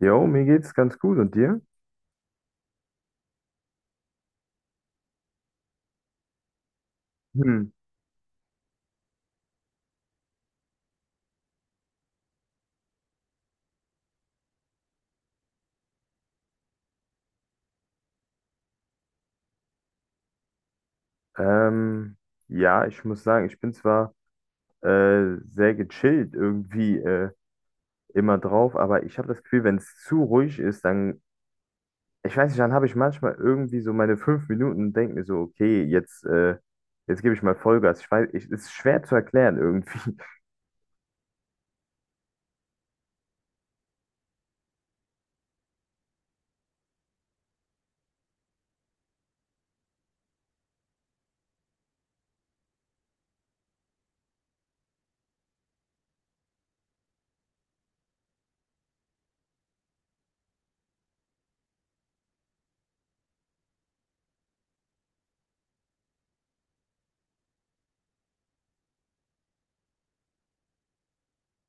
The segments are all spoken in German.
Jo, mir geht's ganz gut und dir? Hm. Ähm, ja, ich muss sagen, ich bin zwar sehr gechillt irgendwie immer drauf, aber ich habe das Gefühl, wenn es zu ruhig ist, dann, ich weiß nicht, dann habe ich manchmal irgendwie so meine fünf Minuten und denke mir so, okay, jetzt gebe ich mal Vollgas. Ich weiß, es ist schwer zu erklären irgendwie.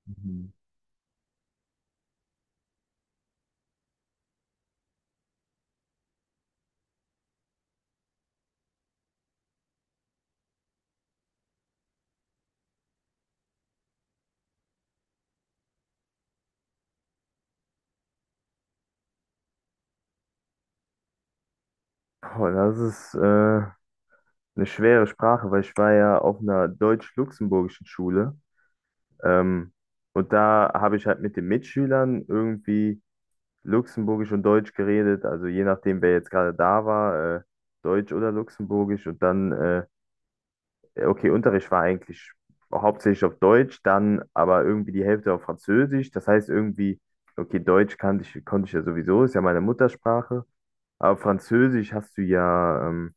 Mhm. Boah, das ist eine schwere Sprache, weil ich war ja auf einer deutsch-luxemburgischen Schule. Ähm, und da habe ich halt mit den Mitschülern irgendwie Luxemburgisch und Deutsch geredet, also je nachdem, wer jetzt gerade da war, Deutsch oder Luxemburgisch. Und dann, okay, Unterricht war eigentlich hauptsächlich auf Deutsch, dann aber irgendwie die Hälfte auf Französisch. Das heißt irgendwie, okay, Deutsch kannte ich, konnte ich ja sowieso, ist ja meine Muttersprache. Aber Französisch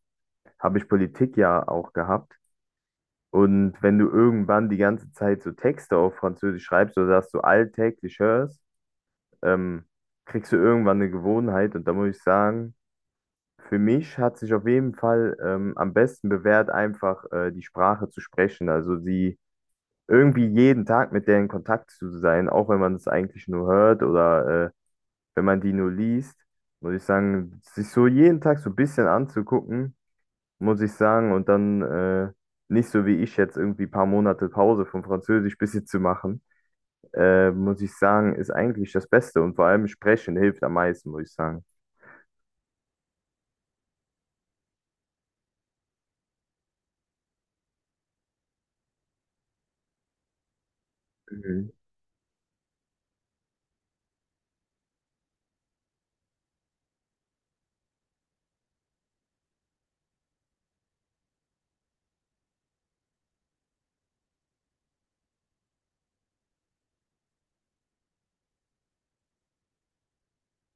habe ich Politik ja auch gehabt. Und wenn du irgendwann die ganze Zeit so Texte auf Französisch schreibst oder dass du alltäglich hörst, ähm, kriegst du irgendwann eine Gewohnheit. Und da muss ich sagen, für mich hat sich auf jeden Fall am besten bewährt, einfach die Sprache zu sprechen. Also sie irgendwie jeden Tag mit der in Kontakt zu sein, auch wenn man es eigentlich nur hört oder wenn man die nur liest, muss ich sagen, sich so jeden Tag so ein bisschen anzugucken muss ich sagen. Und dann nicht so wie ich jetzt irgendwie ein paar Monate Pause vom Französisch bisschen zu machen, muss ich sagen, ist eigentlich das Beste. Und vor allem Sprechen hilft am meisten, muss ich sagen. Mhm.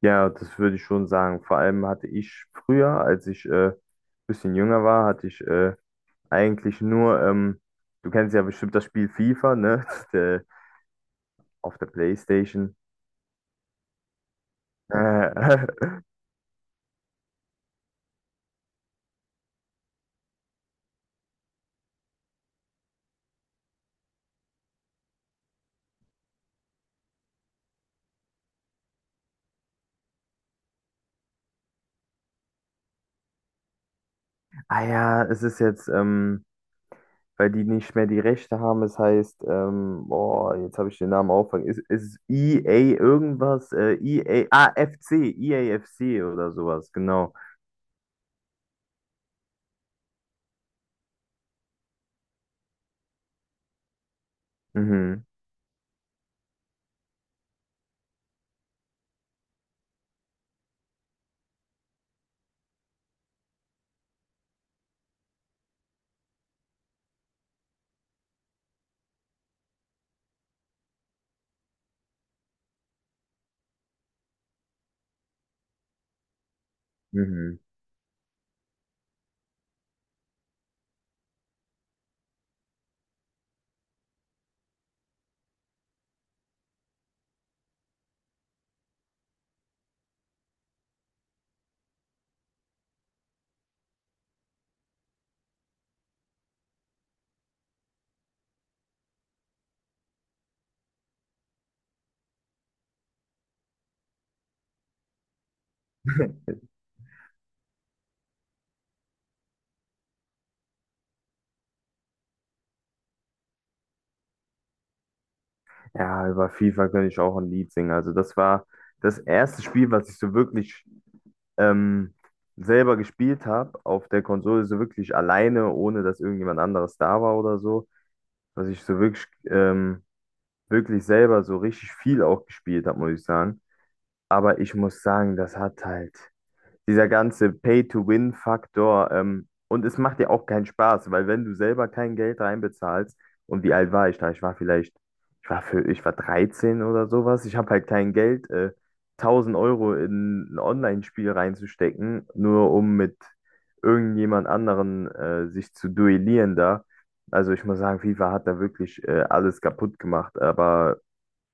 Ja, das würde ich schon sagen. Vor allem hatte ich früher, als ich ein bisschen jünger war, hatte ich eigentlich nur, du kennst ja bestimmt das Spiel FIFA, ne? Der, auf der PlayStation. Äh, ah ja, es ist jetzt weil die nicht mehr die Rechte haben. Es heißt, boah, jetzt habe ich den Namen aufgefangen. Ist E a irgendwas? EA, f c E A F C oder sowas, genau. Mhm, mhm. Ja, über FIFA könnte ich auch ein Lied singen. Also das war das erste Spiel, was ich so wirklich ähm, selber gespielt habe auf der Konsole, so wirklich alleine, ohne dass irgendjemand anderes da war oder so, was ich so wirklich selber so richtig viel auch gespielt habe, muss ich sagen. Aber ich muss sagen, das hat halt dieser ganze Pay-to-Win-Faktor. Und es macht dir auch keinen Spaß, weil wenn du selber kein Geld reinbezahlst, und wie alt war ich da? Ich war vielleicht, ich war 13 oder sowas. Ich habe halt kein Geld, 1000 Euro in ein Online-Spiel reinzustecken, nur um mit irgendjemand anderen sich zu duellieren da. Also ich muss sagen, FIFA hat da wirklich alles kaputt gemacht. Aber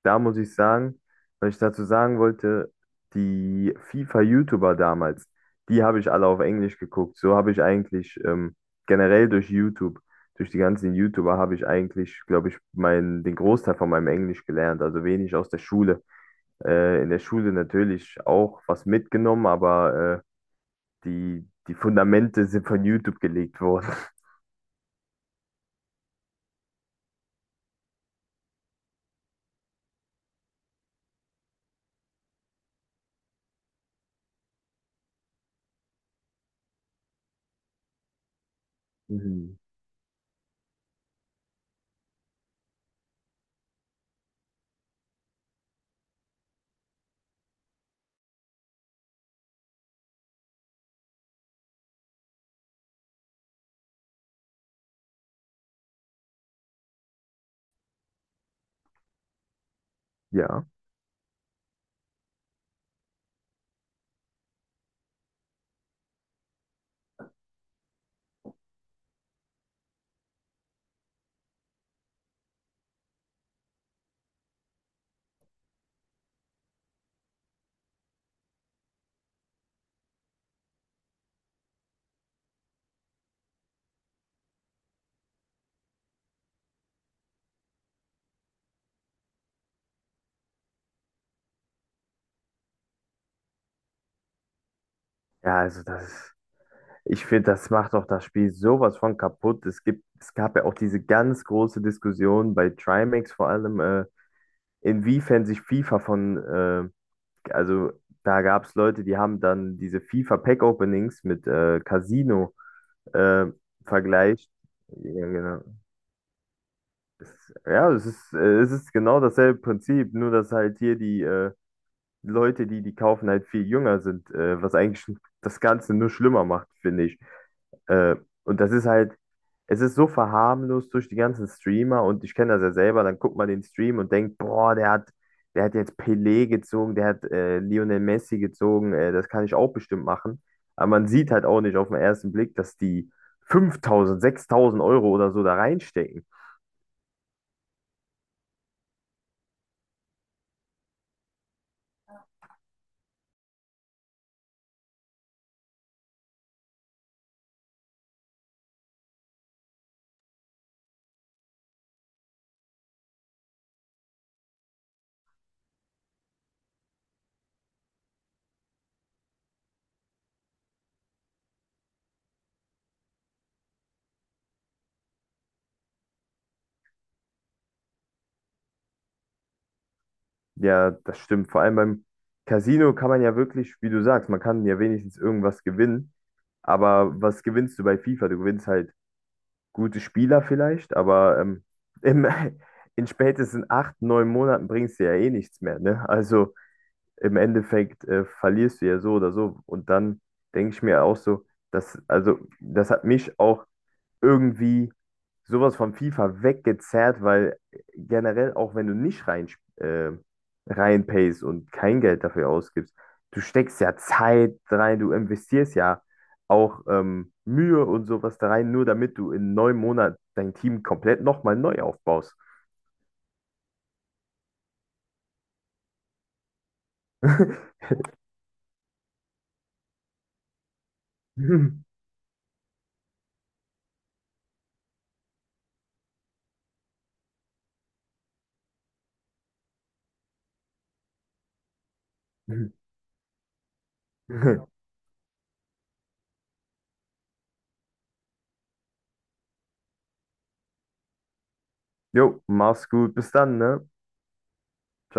da muss ich sagen, was ich dazu sagen wollte, die FIFA-YouTuber damals, die habe ich alle auf Englisch geguckt. So habe ich eigentlich generell durch YouTube, durch die ganzen YouTuber habe ich eigentlich, glaube ich, den Großteil von meinem Englisch gelernt, also wenig aus der Schule. In der Schule natürlich auch was mitgenommen, aber die Fundamente sind von YouTube gelegt worden. Mhm. Ja. Ja, also das. Ich finde, das macht doch das Spiel sowas von kaputt. Es gab ja auch diese ganz große Diskussion bei Trimax vor allem, inwiefern sich FIFA von, also da gab es Leute, die haben dann diese FIFA Pack Openings mit Casino äh, vergleicht. Ja, genau. Ja, es ist genau dasselbe Prinzip, nur dass halt hier die Leute, die die kaufen, halt viel jünger sind, was eigentlich das Ganze nur schlimmer macht, finde ich. Äh, und das ist halt, es ist so verharmlost durch die ganzen Streamer und ich kenne das ja selber, dann guckt man den Stream und denkt, boah, der hat jetzt Pelé gezogen, der hat Lionel Messi gezogen, das kann ich auch bestimmt machen. Aber man sieht halt auch nicht auf den ersten Blick, dass die 5000, 6000 Euro oder so da reinstecken. Ja, das stimmt. Vor allem beim Casino kann man ja wirklich, wie du sagst, man kann ja wenigstens irgendwas gewinnen. Aber was gewinnst du bei FIFA? Du gewinnst halt gute Spieler vielleicht, aber im, in spätestens 8, 9 Monaten bringst du ja eh nichts mehr, ne? Also im Endeffekt verlierst du ja so oder so. Und dann denke ich mir auch so, also das hat mich auch irgendwie sowas von FIFA weggezerrt, weil generell, auch wenn du nicht äh, reinpayst und kein Geld dafür ausgibst, du steckst ja Zeit rein, du investierst ja auch Mühe und sowas da rein, nur damit du in 9 Monaten dein Team komplett nochmal neu aufbaust. Jo, mach's gut, bis dann, ne? Ciao.